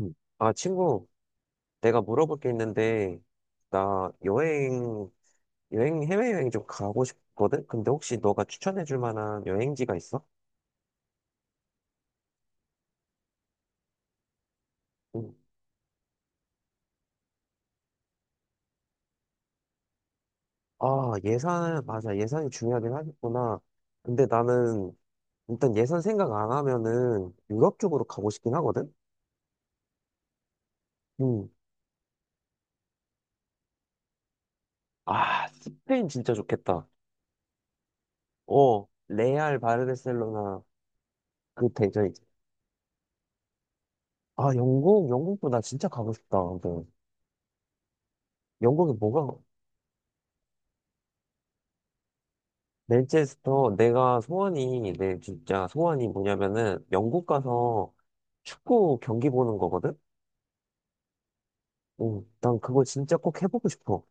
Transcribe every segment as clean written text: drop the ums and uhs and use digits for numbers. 음. 아, 친구, 내가 물어볼 게 있는데, 나 여행, 해외여행 좀 가고 싶거든? 근데 혹시 너가 추천해 줄 만한 여행지가 있어? 음. 아, 예산, 맞아. 예산이 중요하긴 하겠구나. 근데 나는 일단 예산 생각 안 하면은 유럽 쪽으로 가고 싶긴 하거든? 음. 아, 스페인 진짜 좋겠다. 어, 레알 바르셀로나 그 대전 있지. 아, 영국도 나 진짜 가고 싶다. 근데 영국에 뭐가, 맨체스터, 내가 소원이, 내 진짜 소원이 뭐냐면은, 영국 가서 축구 경기 보는 거거든? 응, 난 그거 진짜 꼭 해보고 싶어.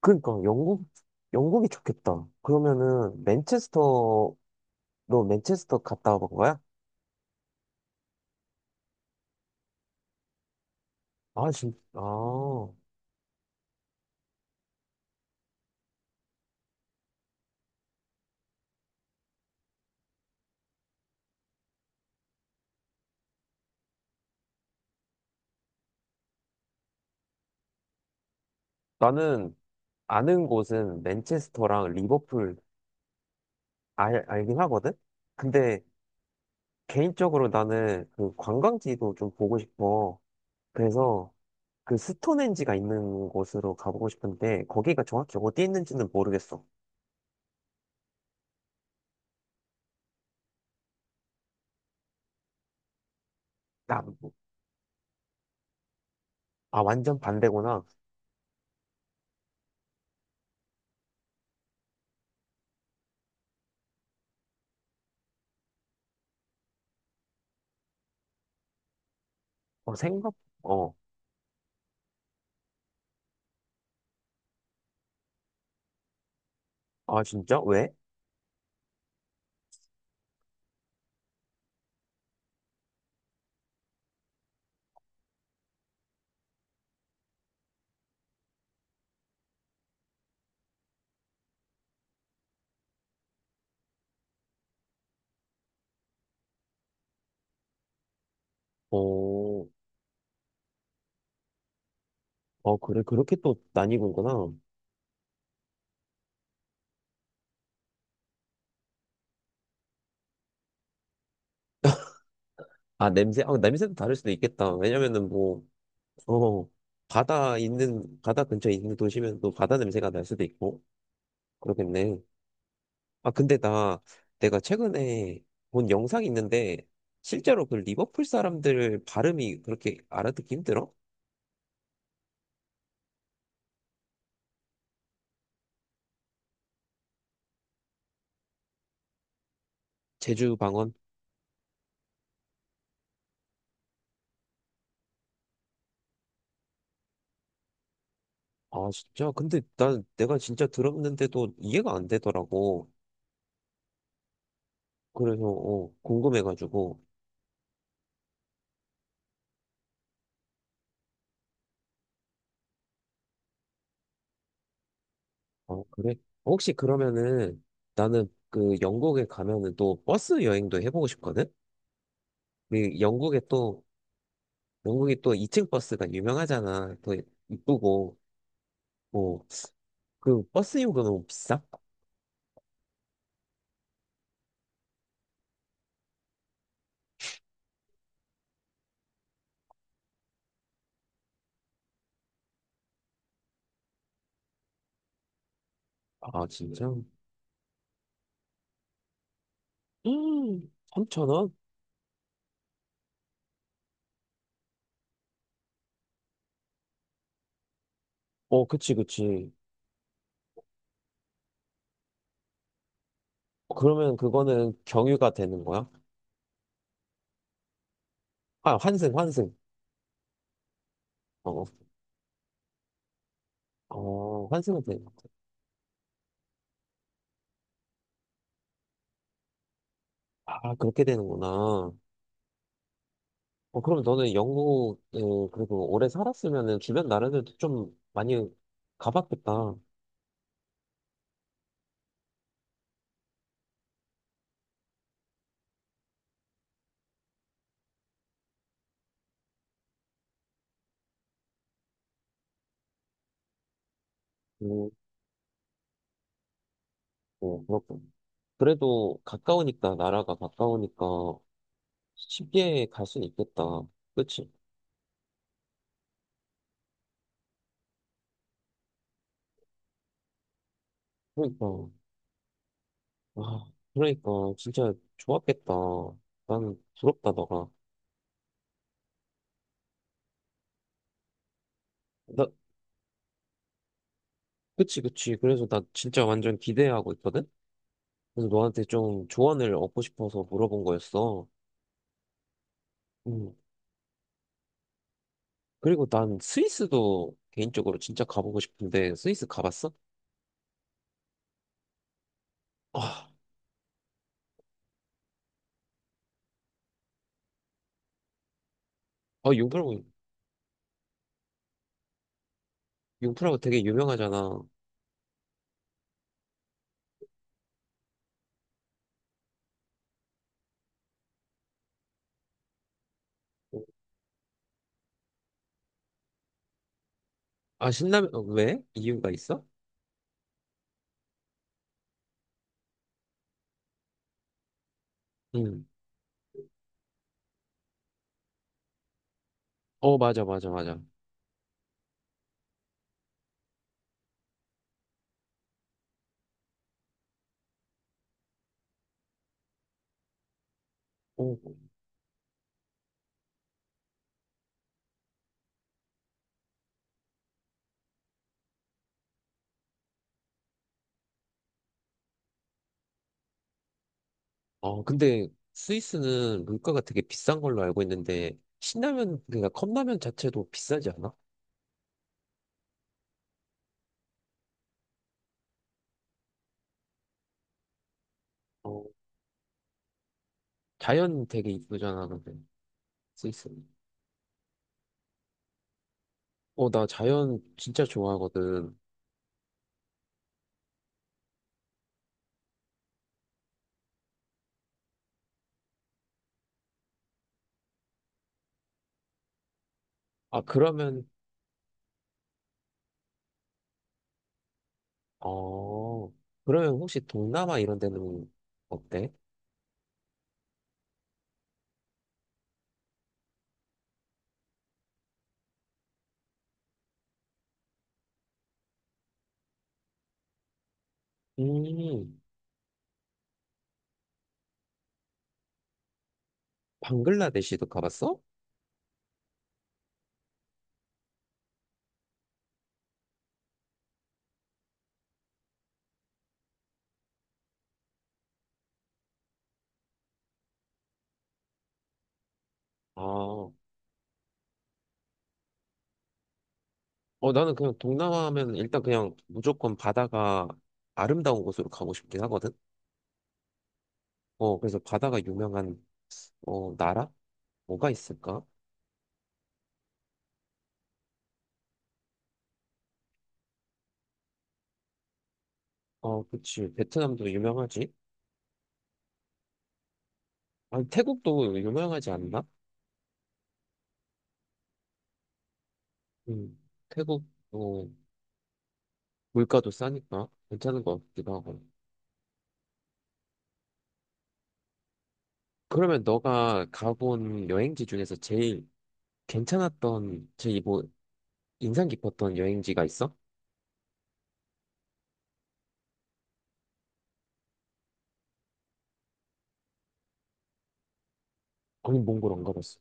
그러니까, 영국, 영국이 좋겠다. 그러면은, 맨체스터, 너 맨체스터 갔다 와본 거야? 아, 진, 아. 나는 아는 곳은 맨체스터랑 리버풀 알, 알긴 하거든? 근데, 개인적으로 나는 그 관광지도 좀 보고 싶어. 그래서, 그 스톤헨지가 있는 곳으로 가보고 싶은데 거기가 정확히 어디 있는지는 모르겠어. 나, 아 완전 반대구나. 어 생각, 어, 아 진짜? 왜? 어, 어 그래 그렇게 또 나뉘는구나. 아 냄새, 아 냄새도 다를 수도 있겠다. 왜냐면은 뭐, 어 바다 있는 바다 근처에 있는 도시면 또 바다 냄새가 날 수도 있고 그렇겠네. 아 근데 나 내가 최근에 본 영상이 있는데 실제로 그 리버풀 사람들 발음이 그렇게 알아듣기 힘들어? 제주 방언? 아, 진짜? 근데 난 내가 진짜 들었는데도 이해가 안 되더라고. 그래서, 어, 궁금해가지고. 어, 그래? 혹시 그러면은 나는 그 영국에 가면은 또 버스 여행도 해보고 싶거든? 그 영국에 또, 영국이 또 2층 버스가 유명하잖아. 또 이쁘고. 뭐, 그 버스 요금은 비싸? 아, 진짜? 3천원 어, 그치, 그치. 그러면 그거는 경유가 되는 거야? 아, 환승. 어, 어, 환승은 돼. 아, 그렇게 되는구나. 어, 그럼 너는 영국, 어, 그리고 오래 살았으면은 주변 나라들도 좀 많이 가봤겠다. 음, 어, 그렇군. 그래도 가까우니까, 나라가 가까우니까 쉽게 갈 수는 있겠다. 그치? 그러니까, 아, 그러니까, 진짜 좋았겠다. 난 부럽다, 너가. 나, 그치, 그치. 그래서 나 진짜 완전 기대하고 있거든? 그래서 너한테 좀 조언을 얻고 싶어서 물어본 거였어. 음. 그리고 난 스위스도 개인적으로 진짜 가보고 싶은데 스위스 가봤어? 아, 아 융프라고 융프라고 되게 유명하잖아. 어, 아 신라면 어, 왜? 이유가 있어? 응. 어 맞아 맞아 맞아. 어, 아 근데 스위스는 물가가 되게 비싼 걸로 알고 있는데 신라면 그러니까 컵라면 자체도 비싸지 않아? 어 자연 되게 이쁘잖아 근데 스위스. 어나 자연 진짜 좋아하거든. 아 그러면 어 그러면 혹시 동남아 이런 데는 어때? 음, 방글라데시도 가봤어? 아, 어, 나는 그냥 동남아 하면 일단 그냥 무조건 바다가 아름다운 곳으로 가고 싶긴 하거든? 어, 그래서 바다가 유명한, 어, 나라? 뭐가 있을까? 어, 그치. 베트남도 유명하지? 아니, 태국도 유명하지 않나? 음, 태국, 어, 물가도 싸니까 괜찮은 것 같기도 하고. 그러면 너가 가본 여행지 중에서 제일 괜찮았던, 제일 뭐, 인상 깊었던 여행지가 있어? 아니, 몽골 안 가봤어.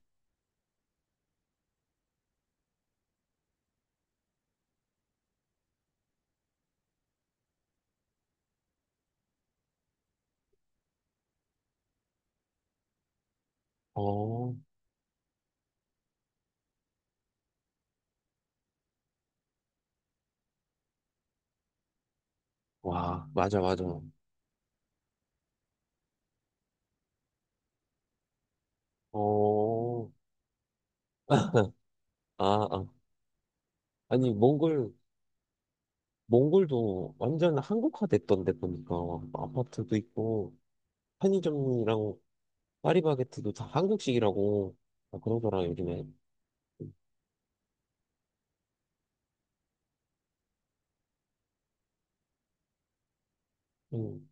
어, 와, 맞아, 맞아. 어, 아, 아. 아니, 몽골, 몽골도 완전 한국화 됐던데 보니까. 아파트도 있고, 편의점이랑 파리바게트도 다 한국식이라고. 아, 그러더라, 요즘에. 음.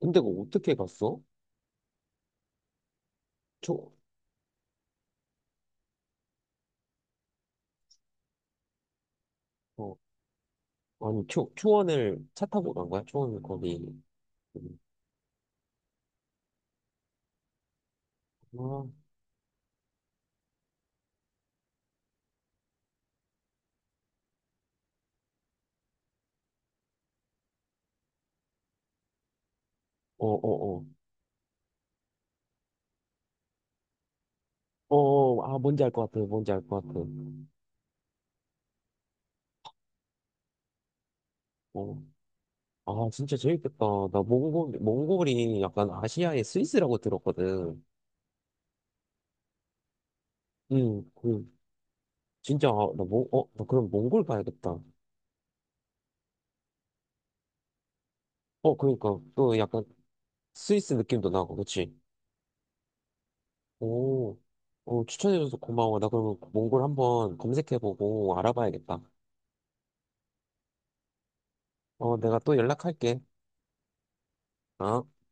근데 그거 어떻게 갔어? 초, 어, 아니, 초원을 차 타고 간 거야? 초원 거기. 음. 아, 어, 어, 어. 어, 어, 아, 뭔지 알 것 같아, 뭔지 알 것 같아. 어. 아, 진짜 재밌겠다. 나 몽골, 몽골이 약간 아시아의 스위스라고 들었거든. 그, 진짜, 아, 나 몽, 어, 나 그럼 몽골 가야겠다. 어, 그러니까, 또 약간 스위스 느낌도 나고, 그치? 오, 어, 추천해줘서 고마워. 나 그럼 몽골 한번 검색해보고 알아봐야겠다. 어, 내가 또 연락할게. 어?